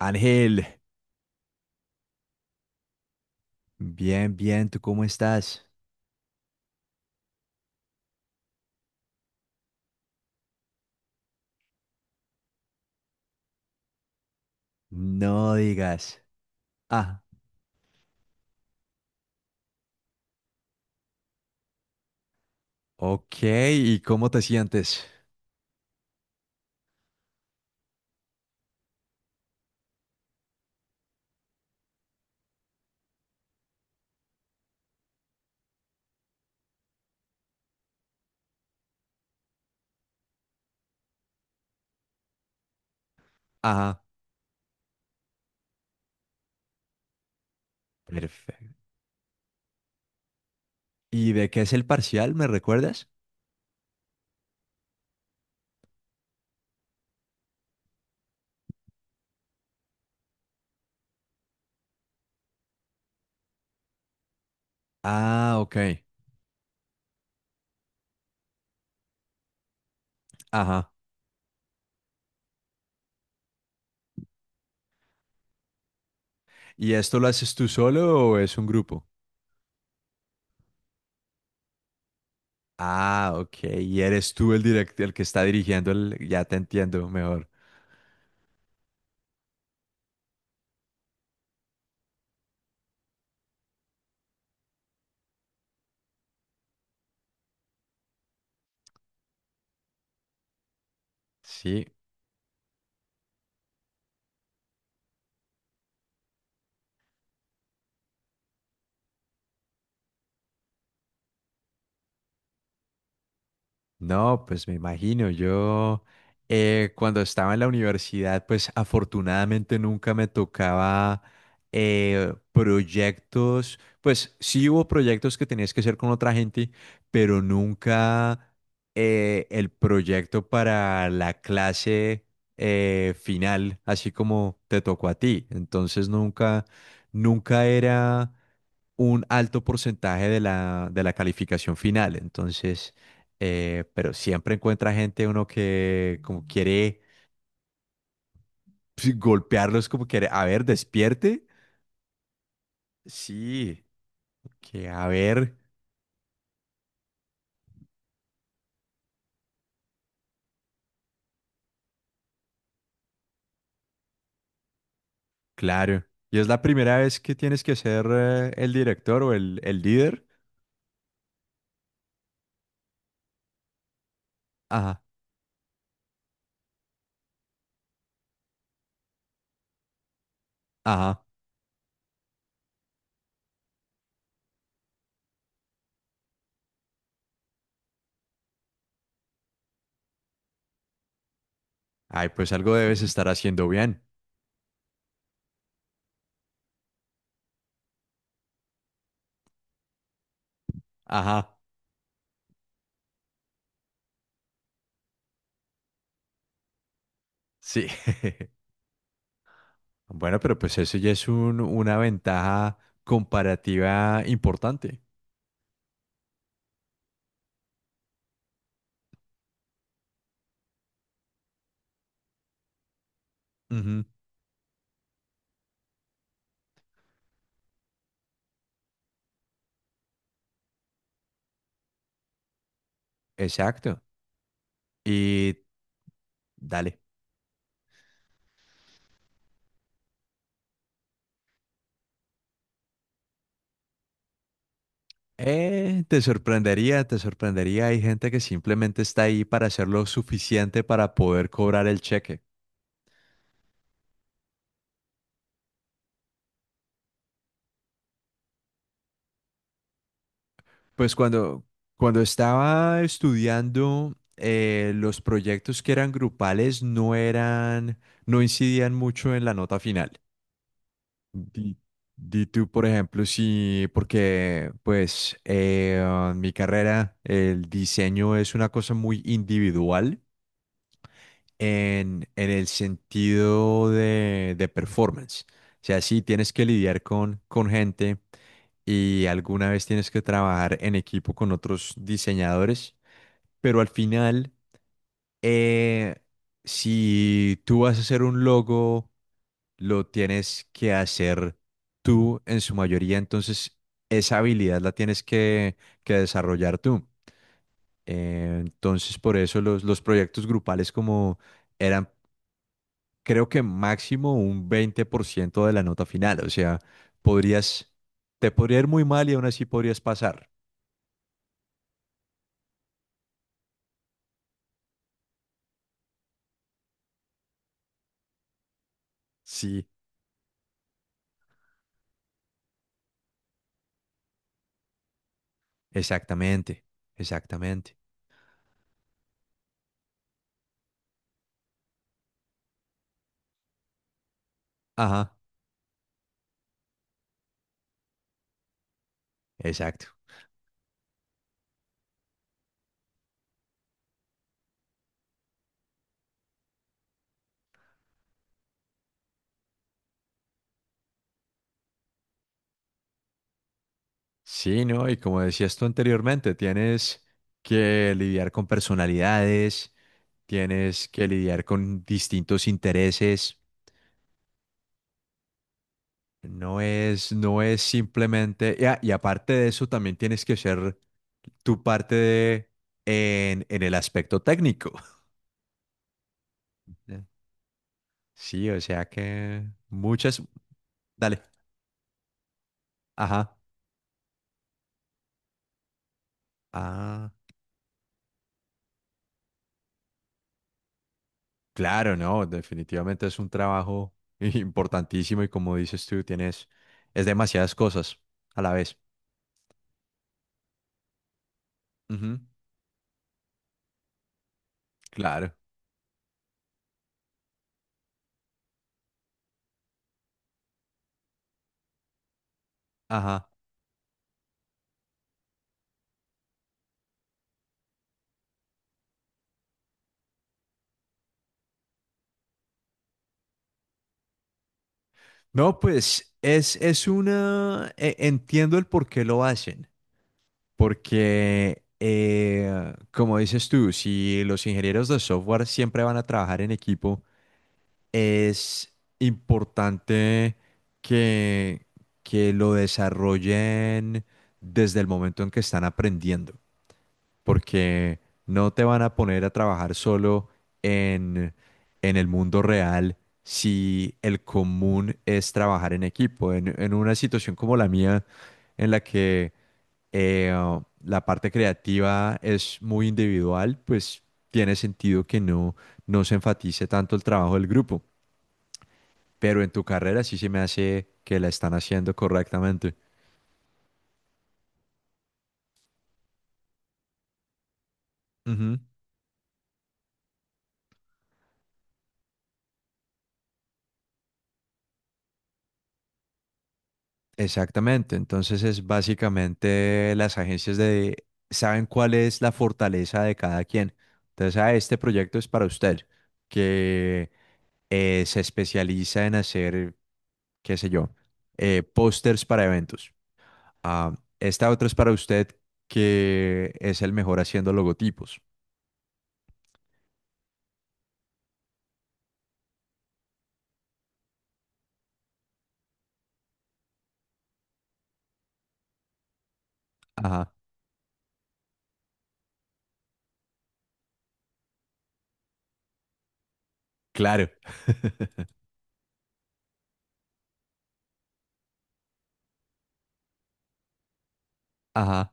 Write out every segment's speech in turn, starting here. Ángel, bien, bien, ¿tú cómo estás? No digas. Ah, ok, ¿y cómo te sientes? Ajá, perfecto. ¿Y de qué es el parcial, me recuerdas? Ah, ok, ajá. ¿Y esto lo haces tú solo o es un grupo? Ah, ok, y eres tú el el que está dirigiendo el. Ya te entiendo mejor. Sí. No, pues me imagino, yo, cuando estaba en la universidad, pues afortunadamente nunca me tocaba, proyectos, pues sí hubo proyectos que tenías que hacer con otra gente, pero nunca, el proyecto para la clase, final, así como te tocó a ti. Entonces nunca, nunca era un alto porcentaje de de la calificación final. Entonces, pero siempre encuentra gente uno que como quiere pues golpearlos, como quiere, a ver, despierte. Sí, que a ver, claro. Y es la primera vez que tienes que ser, el director o el líder. Ajá, ajá. Ay, pues algo debes estar haciendo bien. Ajá, sí. Bueno, pero pues eso ya es una ventaja comparativa importante. Ujú. Exacto. Y dale. Te sorprendería, te sorprendería. Hay gente que simplemente está ahí para hacer lo suficiente para poder cobrar el cheque. Pues cuando, cuando estaba estudiando, los proyectos que eran grupales no eran, no incidían mucho en la nota final. Di, di tú, por ejemplo, si, porque pues, en mi carrera el diseño es una cosa muy individual. En el sentido de performance. O sea, sí tienes que lidiar con gente y alguna vez tienes que trabajar en equipo con otros diseñadores, pero al final, eh, si tú vas a hacer un logo, lo tienes que hacer tú en su mayoría, entonces esa habilidad la tienes que desarrollar tú. Entonces, por eso los proyectos grupales como eran creo que máximo un 20% de la nota final. O sea, podrías, te podría ir muy mal y aún así podrías pasar. Sí, exactamente, exactamente. Ajá, exacto. Sí, ¿no? Y como decías tú anteriormente, tienes que lidiar con personalidades, tienes que lidiar con distintos intereses. No es, no es simplemente, y y aparte de eso, también tienes que ser tu parte de, en el aspecto técnico. Ya. Sí, o sea que muchas... Dale. Ajá. Ah, claro, no, definitivamente es un trabajo importantísimo y como dices tú, tienes... Es demasiadas cosas a la vez. Ujú. Claro. Ajá. No, pues es una... Entiendo el por qué lo hacen. Porque, como dices tú, si los ingenieros de software siempre van a trabajar en equipo, es importante que, que lo desarrollen desde el momento en que están aprendiendo, porque no te van a poner a trabajar solo en, en el mundo real si el común es trabajar en equipo. En una situación como la mía, en la que, eh, la parte creativa es muy individual, pues tiene sentido que no, no se enfatice tanto el trabajo del grupo, pero en tu carrera sí se me hace que la están haciendo correctamente. Ujú. Exactamente, entonces es básicamente las agencias de saben cuál es la fortaleza de cada quien. Entonces, ah, este proyecto es para usted, que, se especializa en hacer, qué sé yo, pósters para eventos. Ah, esta otra es para usted, que es el mejor haciendo logotipos. Ajá, claro. Ajá,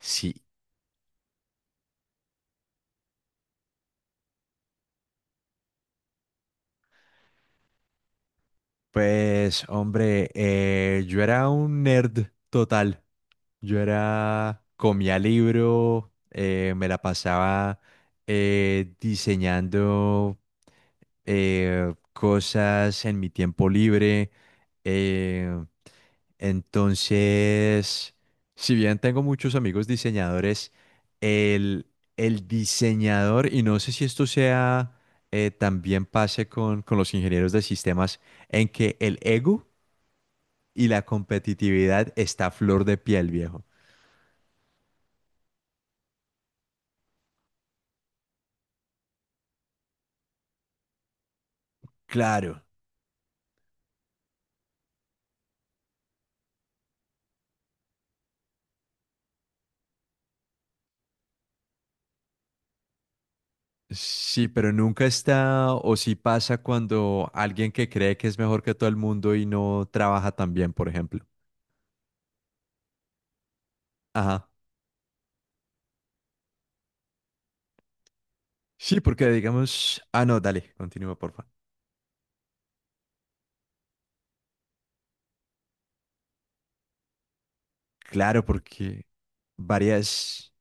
sí. Pues, hombre, yo era un nerd total. Yo era, comía libro, me la pasaba, diseñando, cosas en mi tiempo libre. eh, entonces, si bien tengo muchos amigos diseñadores, el, el diseñador, y no sé si esto sea, también pase con los ingenieros de sistemas, en que el ego y la competitividad está a flor de piel, viejo. Claro, sí, pero nunca está o sí pasa cuando alguien que cree que es mejor que todo el mundo y no trabaja tan bien, por ejemplo. Ajá. Sí, porque digamos, ah, no, dale, continúa, por favor. Claro, porque varias...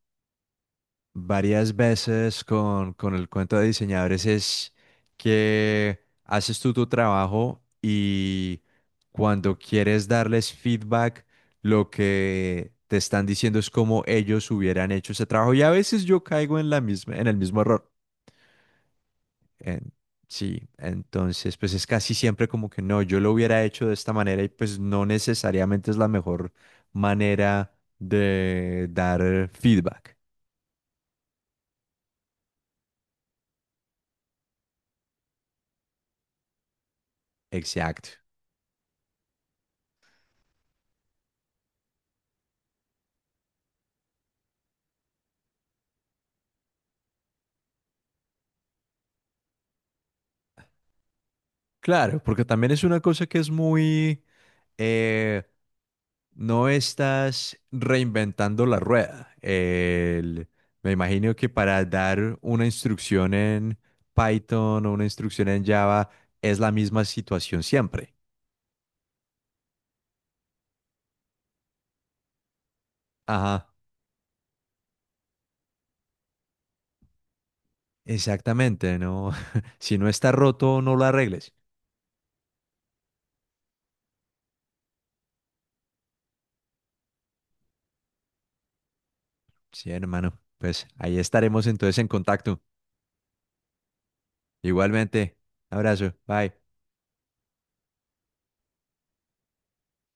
varias veces con el cuento de diseñadores es que haces tú tu trabajo y cuando quieres darles feedback, lo que te están diciendo es cómo ellos hubieran hecho ese trabajo. Y a veces yo caigo en la misma, en el mismo error. En- sí, entonces pues es casi siempre como que no, yo lo hubiera hecho de esta manera y pues no necesariamente es la mejor manera de dar feedback. Exacto. Claro, porque también es una cosa que es muy... eh, no estás reinventando la rueda. Me imagino que para dar una instrucción en Python o una instrucción en Java es la misma situación siempre. Ajá, exactamente, ¿no? Si no está roto, no lo arregles. Sí, hermano, pues ahí estaremos entonces en contacto. Igualmente, abrazo, bye.